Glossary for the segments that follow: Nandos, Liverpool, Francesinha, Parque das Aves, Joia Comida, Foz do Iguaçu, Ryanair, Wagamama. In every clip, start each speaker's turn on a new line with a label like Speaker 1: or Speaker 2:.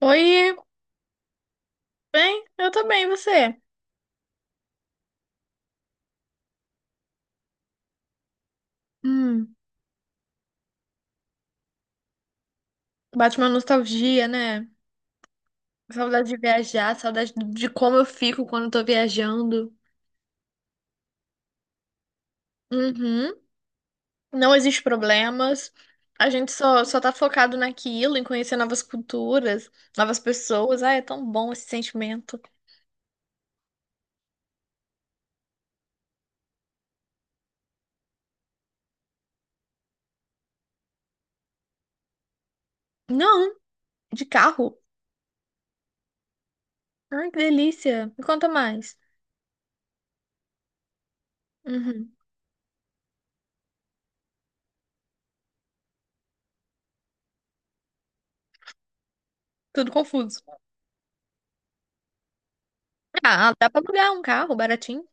Speaker 1: Oi, bem? Eu tô bem, e você? Hum, bate uma nostalgia, né? Saudade de viajar, saudade de como eu fico quando eu tô viajando. Uhum. Não existe problemas. A gente só tá focado naquilo, em conhecer novas culturas, novas pessoas. Ah, é tão bom esse sentimento. Não, de carro. Ai, que delícia. Me conta mais. Uhum. Tudo confuso. Ah, dá pra alugar um carro baratinho.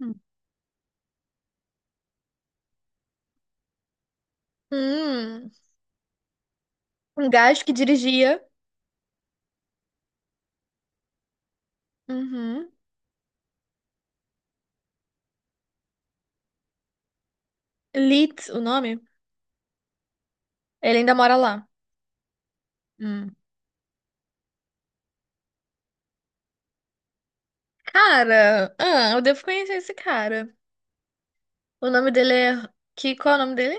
Speaker 1: Hum. Hum, um gajo que dirigia. Uhum. Litz, o nome? Ele ainda mora lá. Hum. Cara, ah, eu devo conhecer esse cara. O nome dele é. Que, qual é o nome dele?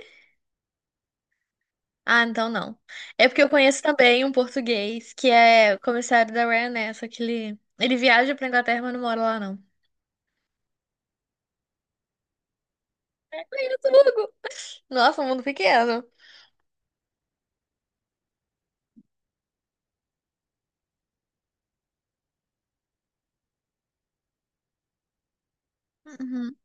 Speaker 1: Ah, então não. É porque eu conheço também um português que é comissário da Ryanair, né? Só que ele viaja pra Inglaterra, mas não mora lá, não. Tudo. Nossa, um mundo pequeno. Uhum,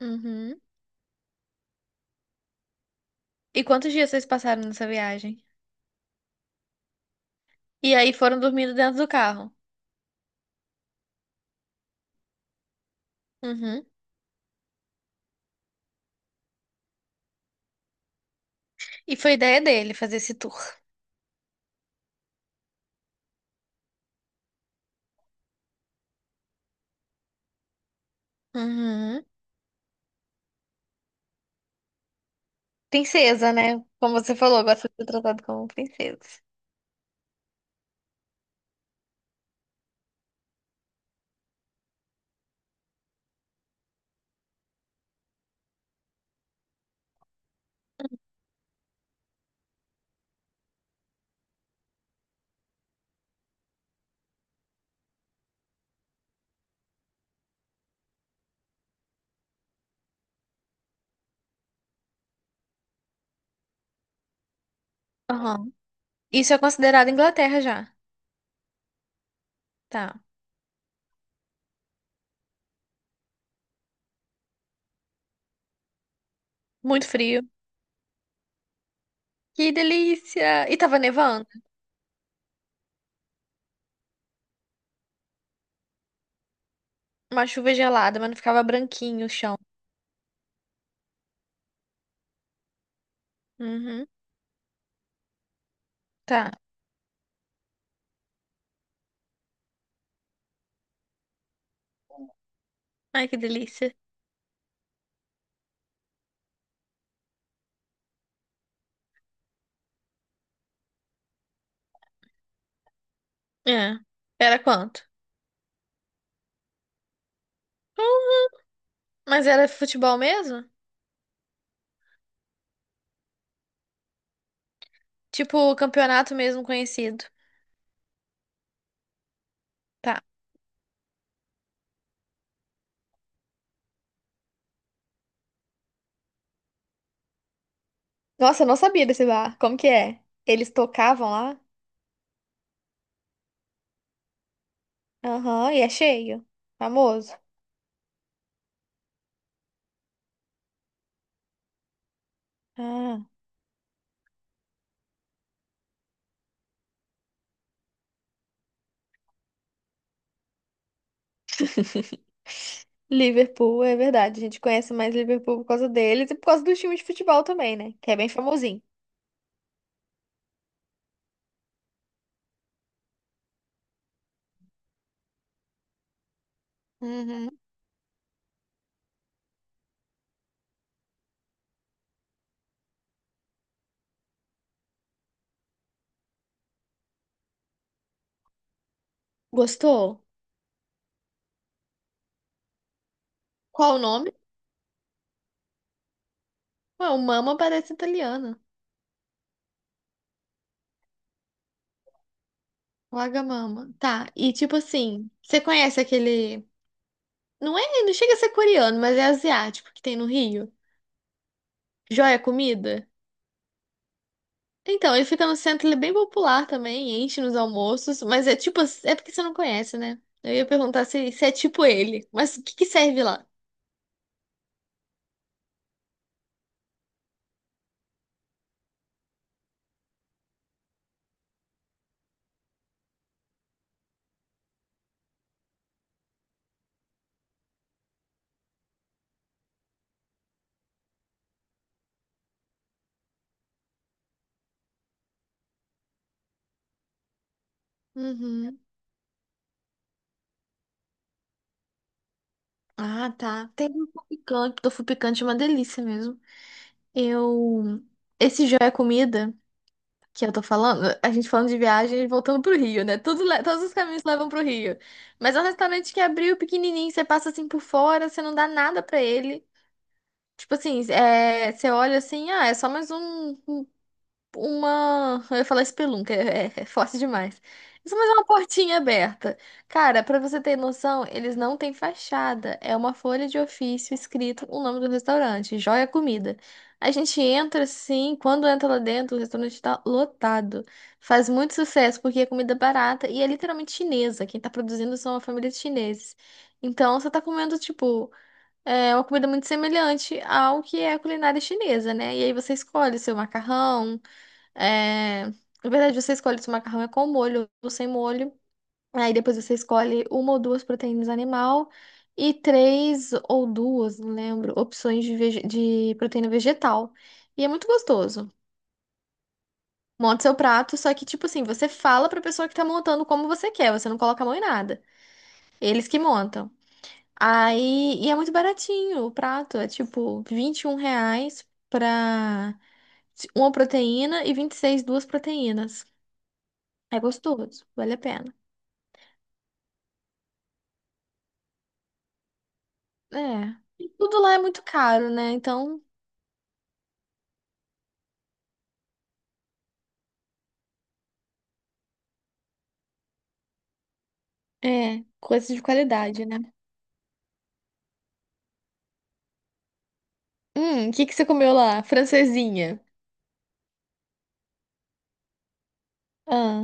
Speaker 1: uhum. E quantos dias vocês passaram nessa viagem? E aí foram dormindo dentro do carro. Uhum. E foi ideia dele fazer esse tour. Uhum. Princesa, né? Como você falou, gosta de ser tratado como princesa. Aham. Isso é considerado Inglaterra já. Tá. Muito frio. Que delícia! E tava nevando. Uma chuva gelada, mas não ficava branquinho o chão. Uhum. Tá. Ai, que delícia. É. Era quanto? Hum, Mas era futebol mesmo? Tipo, campeonato mesmo conhecido. Tá. Nossa, eu não sabia desse bar. Como que é? Eles tocavam lá? Aham, e é cheio. Famoso. Ah. Liverpool, é verdade. A gente conhece mais Liverpool por causa deles e por causa do time de futebol também, né? Que é bem famosinho. Uhum. Gostou? Qual o nome? Ué, o Mama parece italiano. Wagamama. Tá. E tipo assim, você conhece aquele. Não é, não chega a ser coreano, mas é asiático que tem no Rio. Joia Comida. Então, ele fica no centro, ele é bem popular também, enche nos almoços, mas é tipo, é porque você não conhece, né? Eu ia perguntar se é tipo ele, mas o que que serve lá? Uhum. Ah, tá. Tem tofu picante é uma delícia mesmo. Eu. Esse já é comida que eu tô falando, a gente falando de viagem e voltando pro Rio, né? Tudo, todos os caminhos levam pro Rio. Mas é um restaurante que abriu pequenininho, você passa assim por fora, você não dá nada pra ele. Tipo assim, é, você olha assim, ah, é só mais um uma. Eu ia falar espelunca, é forte demais. Isso, mas é uma portinha aberta. Cara, pra você ter noção, eles não têm fachada. É uma folha de ofício escrito o nome do restaurante, Joia Comida. A gente entra assim, quando entra lá dentro, o restaurante tá lotado. Faz muito sucesso porque é comida barata e é literalmente chinesa. Quem tá produzindo são uma família de chineses. Então você tá comendo, tipo. É uma comida muito semelhante ao que é a culinária chinesa, né? E aí você escolhe o seu macarrão, é... Na verdade, você escolhe se o macarrão é com molho ou sem molho. Aí depois você escolhe uma ou duas proteínas animal e três ou duas, não lembro, opções de, de proteína vegetal. E é muito gostoso. Monta seu prato, só que, tipo assim, você fala pra pessoa que tá montando como você quer, você não coloca a mão em nada. Eles que montam. Aí, e é muito baratinho o prato, é tipo R$ 21 pra uma proteína e 26 duas proteínas. É gostoso, vale a pena. É. E tudo lá é muito caro, né? Então, é, coisa de qualidade, né? O que que você comeu lá? Francesinha. Ah,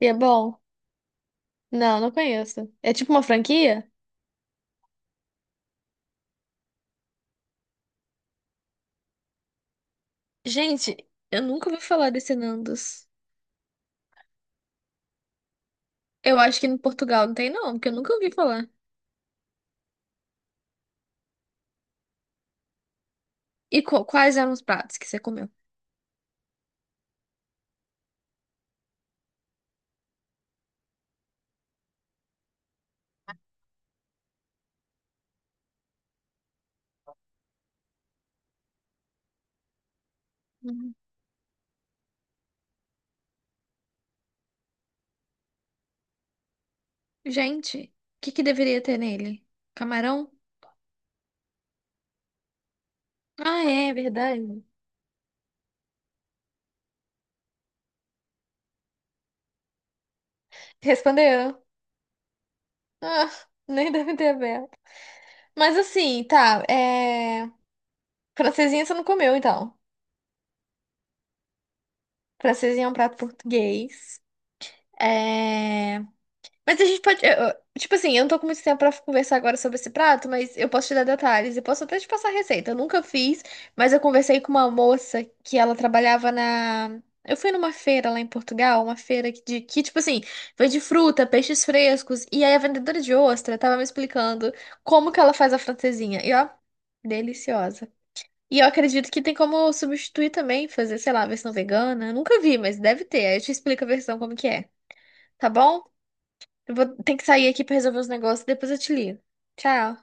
Speaker 1: e é bom? Não, não conheço. É tipo uma franquia? Gente, eu nunca ouvi falar desse Nandos. Eu acho que em Portugal não tem, não, porque eu nunca ouvi falar. Quais eram os pratos que você comeu? Uhum. Gente, o que que deveria ter nele? Camarão? Ah, é, verdade. Respondeu. Ah, nem deve ter aberto. Mas assim, tá, é. Francesinha você não comeu, então. Francesinha é um prato português. É... Mas a gente pode. Tipo assim, eu não tô com muito tempo pra conversar agora sobre esse prato, mas eu posso te dar detalhes e posso até te passar a receita. Eu nunca fiz, mas eu conversei com uma moça que ela trabalhava na. Eu fui numa feira lá em Portugal, uma feira tipo assim, vende fruta, peixes frescos. E aí a vendedora de ostra tava me explicando como que ela faz a francesinha. E ó, deliciosa. E eu acredito que tem como substituir também, fazer, sei lá, a versão vegana. Eu nunca vi, mas deve ter. Aí eu te explico a versão como que é. Tá bom? Eu vou ter que sair aqui pra resolver os negócios, depois eu te ligo. Tchau.